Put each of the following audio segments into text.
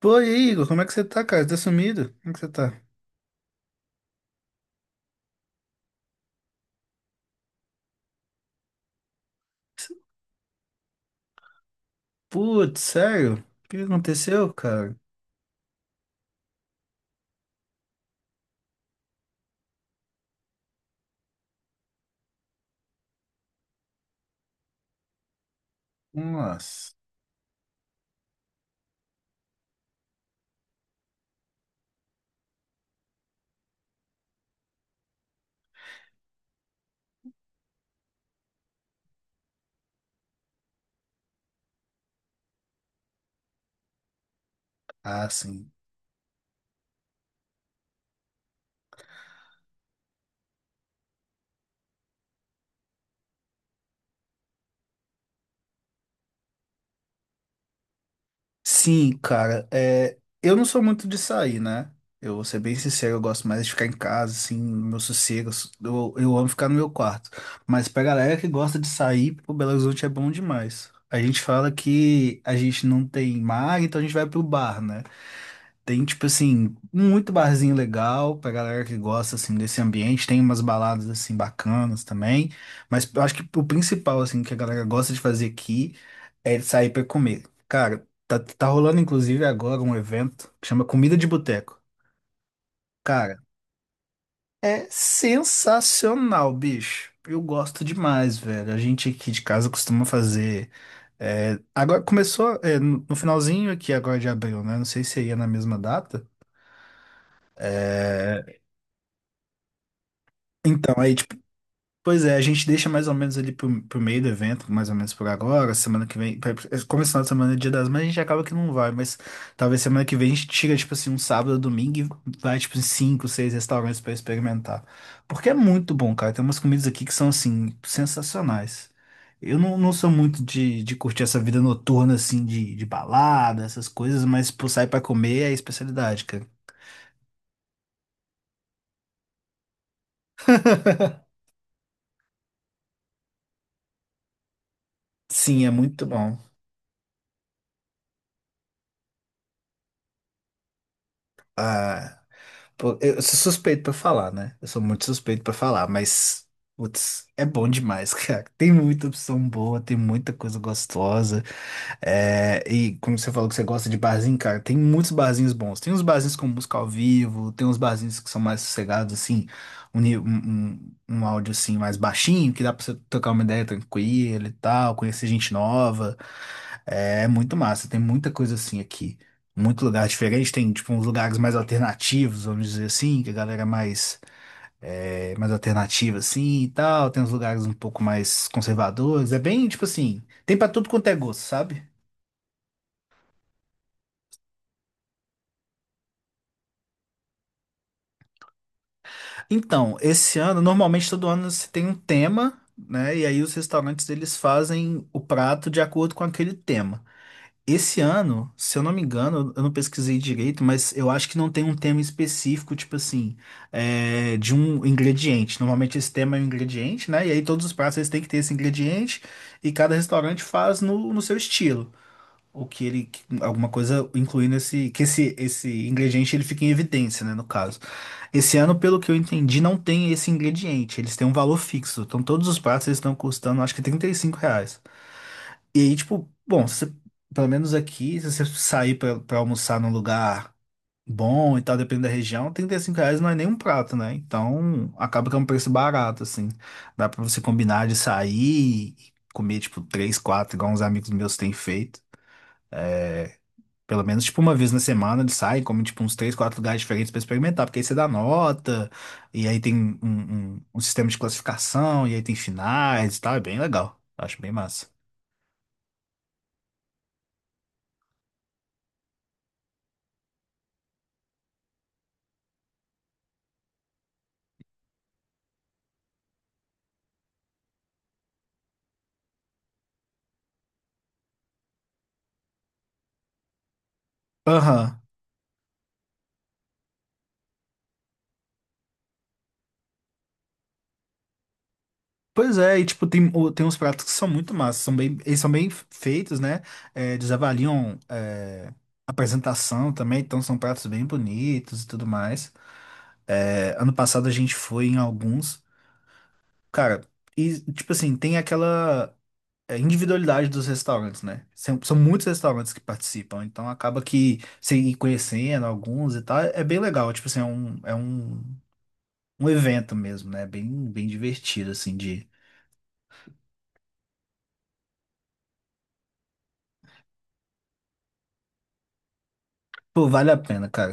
Pô, e aí, Igor, como é que você tá, cara? Você tá sumido? Como é que você tá? Putz, sério? O que que aconteceu, cara? Nossa. Ah, sim. Sim, cara, eu não sou muito de sair, né? Eu vou ser bem sincero, eu gosto mais de ficar em casa, assim, no meu sossego. Eu amo ficar no meu quarto. Mas pra galera que gosta de sair, o Belo Horizonte é bom demais. A gente fala que a gente não tem mar, então a gente vai pro bar, né? Tem, tipo assim, muito barzinho legal pra galera que gosta, assim, desse ambiente. Tem umas baladas, assim, bacanas também. Mas eu acho que o principal, assim, que a galera gosta de fazer aqui é sair pra comer. Cara, tá rolando, inclusive, agora um evento que chama Comida de Boteco. Cara, é sensacional, bicho. Eu gosto demais, velho. A gente aqui de casa costuma fazer. Agora começou, no finalzinho aqui agora de abril, né? Não sei se ia na mesma data. É, então, aí, pois é, a gente deixa mais ou menos ali pro meio do evento, mais ou menos por agora, semana que vem, como esse final de semana é dia das mães, a gente acaba que não vai, mas talvez semana que vem a gente tira, tipo assim, um sábado, domingo e vai, tipo, em cinco, seis restaurantes pra experimentar. Porque é muito bom, cara, tem umas comidas aqui que são, assim, sensacionais. Eu não sou muito de curtir essa vida noturna, assim, de balada, essas coisas, mas, pô, sair pra comer é a especialidade, cara. Sim, é muito bom. Ah, pô, eu sou suspeito pra falar, né? Eu sou muito suspeito pra falar, mas putz, é bom demais, cara. Tem muita opção boa, tem muita coisa gostosa. É, e como você falou que você gosta de barzinho, cara, tem muitos barzinhos bons. Tem uns barzinhos com música ao vivo, tem uns barzinhos que são mais sossegados, assim, um áudio assim mais baixinho, que dá pra você tocar uma ideia tranquila e tal, conhecer gente nova. É muito massa, tem muita coisa assim aqui muito lugar diferente. Tem, tipo, uns lugares mais alternativos, vamos dizer assim, que a galera é mais alternativa, assim, e tal. Tem uns lugares um pouco mais conservadores. É bem, tipo assim, tem pra tudo quanto é gosto, sabe? Então, esse ano, normalmente todo ano você tem um tema, né? E aí os restaurantes, eles fazem o prato de acordo com aquele tema. Esse ano, se eu não me engano, eu não pesquisei direito, mas eu acho que não tem um tema específico, tipo assim, de um ingrediente. Normalmente esse tema é um ingrediente, né? E aí todos os pratos eles têm que ter esse ingrediente e cada restaurante faz no seu estilo. O que ele, que- Alguma coisa incluindo esse, que esse ingrediente ele fica em evidência, né, no caso. Esse ano, pelo que eu entendi, não tem esse ingrediente. Eles têm um valor fixo. Então todos os pratos eles estão custando, acho que R$ 35. E aí, tipo, bom, se você- pelo menos aqui, se você sair pra almoçar num lugar bom e tal, dependendo da região, R$ 35 não é nem um prato, né? Então, acaba que é um preço barato, assim. Dá pra você combinar de sair e comer, tipo, três, quatro, igual uns amigos meus têm feito. Pelo menos, tipo, uma vez na semana eles saem, comem, tipo, uns três, quatro lugares diferentes pra experimentar, porque aí você dá nota, e aí tem um sistema de classificação, e aí tem finais e tal, é bem legal. Acho bem massa. Aham. Pois é, e tipo, tem uns pratos que são muito massas, são bem, eles são bem feitos, né? É, eles avaliam a apresentação também, então são pratos bem bonitos e tudo mais. É, ano passado a gente foi em alguns, cara, e tipo assim, tem aquela individualidade dos restaurantes, né? São muitos restaurantes que participam, então acaba que você ir conhecendo alguns e tal, é bem legal, tipo assim, é um evento mesmo, né? Bem, bem divertido, assim, de. Pô, vale a pena, cara.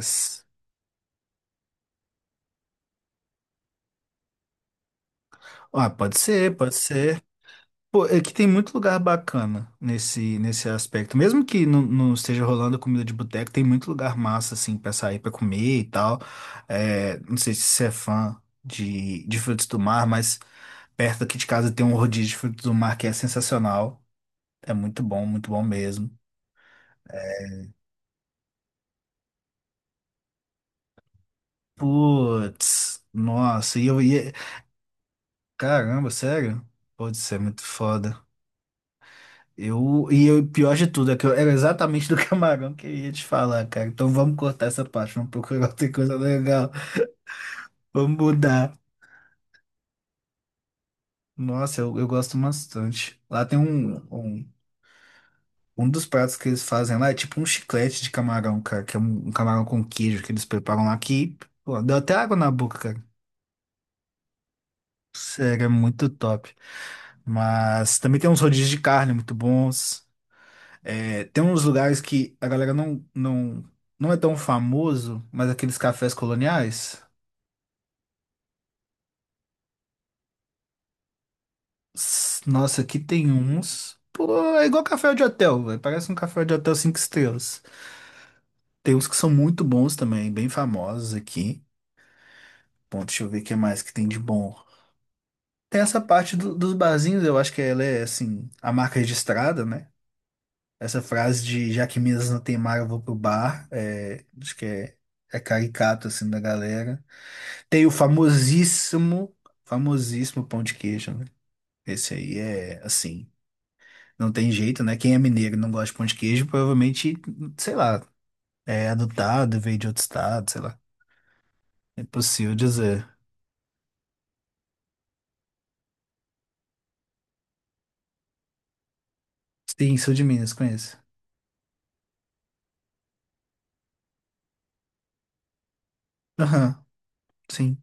Ah, pode ser, pode ser. Pô, é que tem muito lugar bacana nesse aspecto. Mesmo que não esteja rolando comida de boteco, tem muito lugar massa, assim, pra sair, pra comer e tal. É, não sei se você é fã de frutos do mar, mas perto aqui de casa tem um rodízio de frutos do mar que é sensacional. É muito bom mesmo. Putz, nossa, e eu ia. Caramba, sério? Putz, isso é muito foda. E o pior de tudo é que eu era exatamente do camarão que eu ia te falar, cara. Então vamos cortar essa parte, vamos procurar outra coisa legal, vamos mudar. Nossa, eu gosto bastante. Lá tem um dos pratos que eles fazem lá, é tipo um chiclete de camarão, cara, que é um camarão com queijo que eles preparam lá que, pô, deu até água na boca, cara. Sério, é muito top. Mas também tem uns rodízios de carne muito bons. É, tem uns lugares que a galera não é tão famoso, mas aqueles cafés coloniais. Nossa, aqui tem uns. Pô, é igual café de hotel, velho. Parece um café de hotel cinco estrelas. Tem uns que são muito bons também, bem famosos aqui. Bom, deixa eu ver o que mais que tem de bom. Tem essa parte dos barzinhos, eu acho que ela é, assim, a marca registrada, né? Essa frase de já que Minas não tem mar, eu vou pro bar. É, acho que é caricato, assim, da galera. Tem o famosíssimo, famosíssimo pão de queijo, né? Esse aí é assim, não tem jeito, né? Quem é mineiro e não gosta de pão de queijo, provavelmente, sei lá, é adotado, veio de outro estado, sei lá. É impossível dizer. Sim, sou de Minas, conheço. Aham, sim.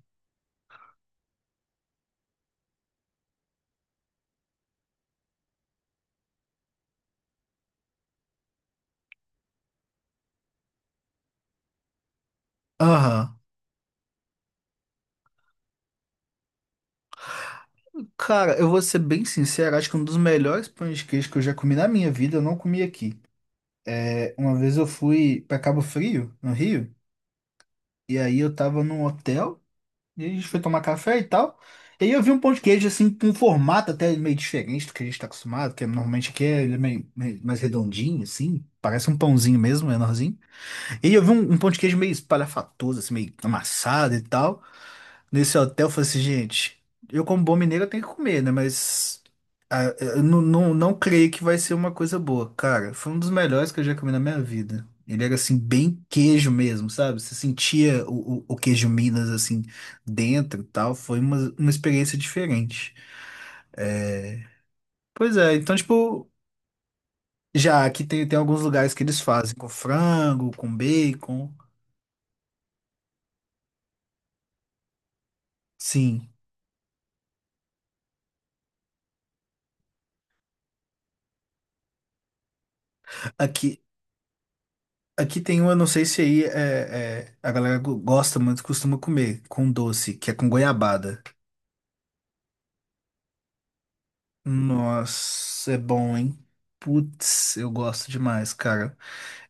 Aham. Cara, eu vou ser bem sincero, acho que um dos melhores pães de queijo que eu já comi na minha vida, eu não comi aqui. É, uma vez eu fui pra Cabo Frio, no Rio, e aí eu tava num hotel. E a gente foi tomar café e tal. E aí eu vi um pão de queijo, assim, com um formato até meio diferente do que a gente está acostumado, normalmente aqui é ele é meio mais redondinho, assim. Parece um pãozinho mesmo, menorzinho. E eu vi um pão de queijo meio espalhafatoso, assim, meio amassado e tal. Nesse hotel, eu falei assim, gente, eu como bom mineiro eu tenho que comer, né? Mas eu não creio que vai ser uma coisa boa. Cara, foi um dos melhores que eu já comi na minha vida. Ele era, assim, bem queijo mesmo, sabe? Você sentia o queijo Minas, assim, dentro e tal. Foi uma experiência diferente. É, pois é, então, tipo, já aqui tem alguns lugares que eles fazem com frango, com bacon. Sim. Aqui, aqui tem um, eu não sei se aí a galera gosta muito, costuma comer com doce, que é com goiabada. Nossa, é bom, hein? Putz, eu gosto demais, cara.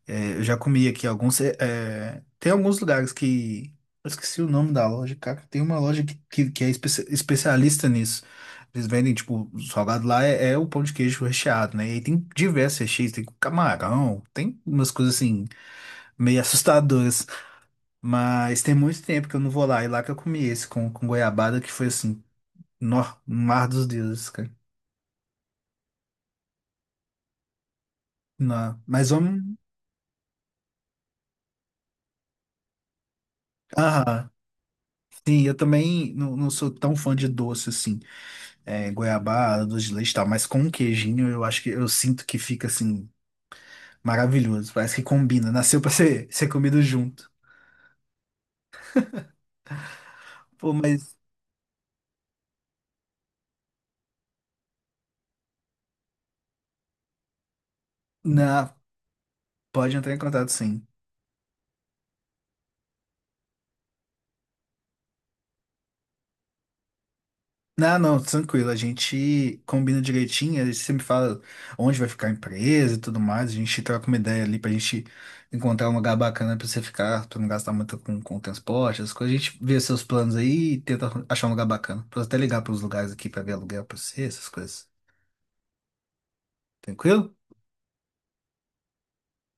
É, eu já comi aqui alguns. Tem alguns lugares que. Eu esqueci o nome da loja, cara. Tem uma loja que é especialista nisso. Eles vendem, tipo, o salgado lá é o pão de queijo recheado, né? E aí tem diversos recheios, tem com camarão, tem umas coisas assim, meio assustadoras. Mas tem muito tempo que eu não vou lá. E lá que eu comi esse com goiabada, que foi assim, no, no mar dos deuses, cara. Não. Mas vamos. Aham. Sim, eu também não sou tão fã de doce assim, goiabada, doce de leite e tal, mas com um queijinho eu acho que eu sinto que fica assim, maravilhoso. Parece que combina, nasceu pra ser, ser comido junto. Pô, mas na, pode entrar em contato sim. Não, não, tranquilo. A gente combina direitinho. Aí você me fala onde vai ficar a empresa e tudo mais. A gente troca uma ideia ali pra gente encontrar um lugar bacana pra você ficar, pra não gastar muito com transporte, as coisas. A gente vê seus planos aí e tenta achar um lugar bacana. Posso até ligar pros lugares aqui pra ver aluguel pra você, essas coisas. Tranquilo?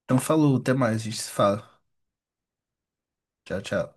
Então falou, até mais. A gente se fala. Tchau, tchau.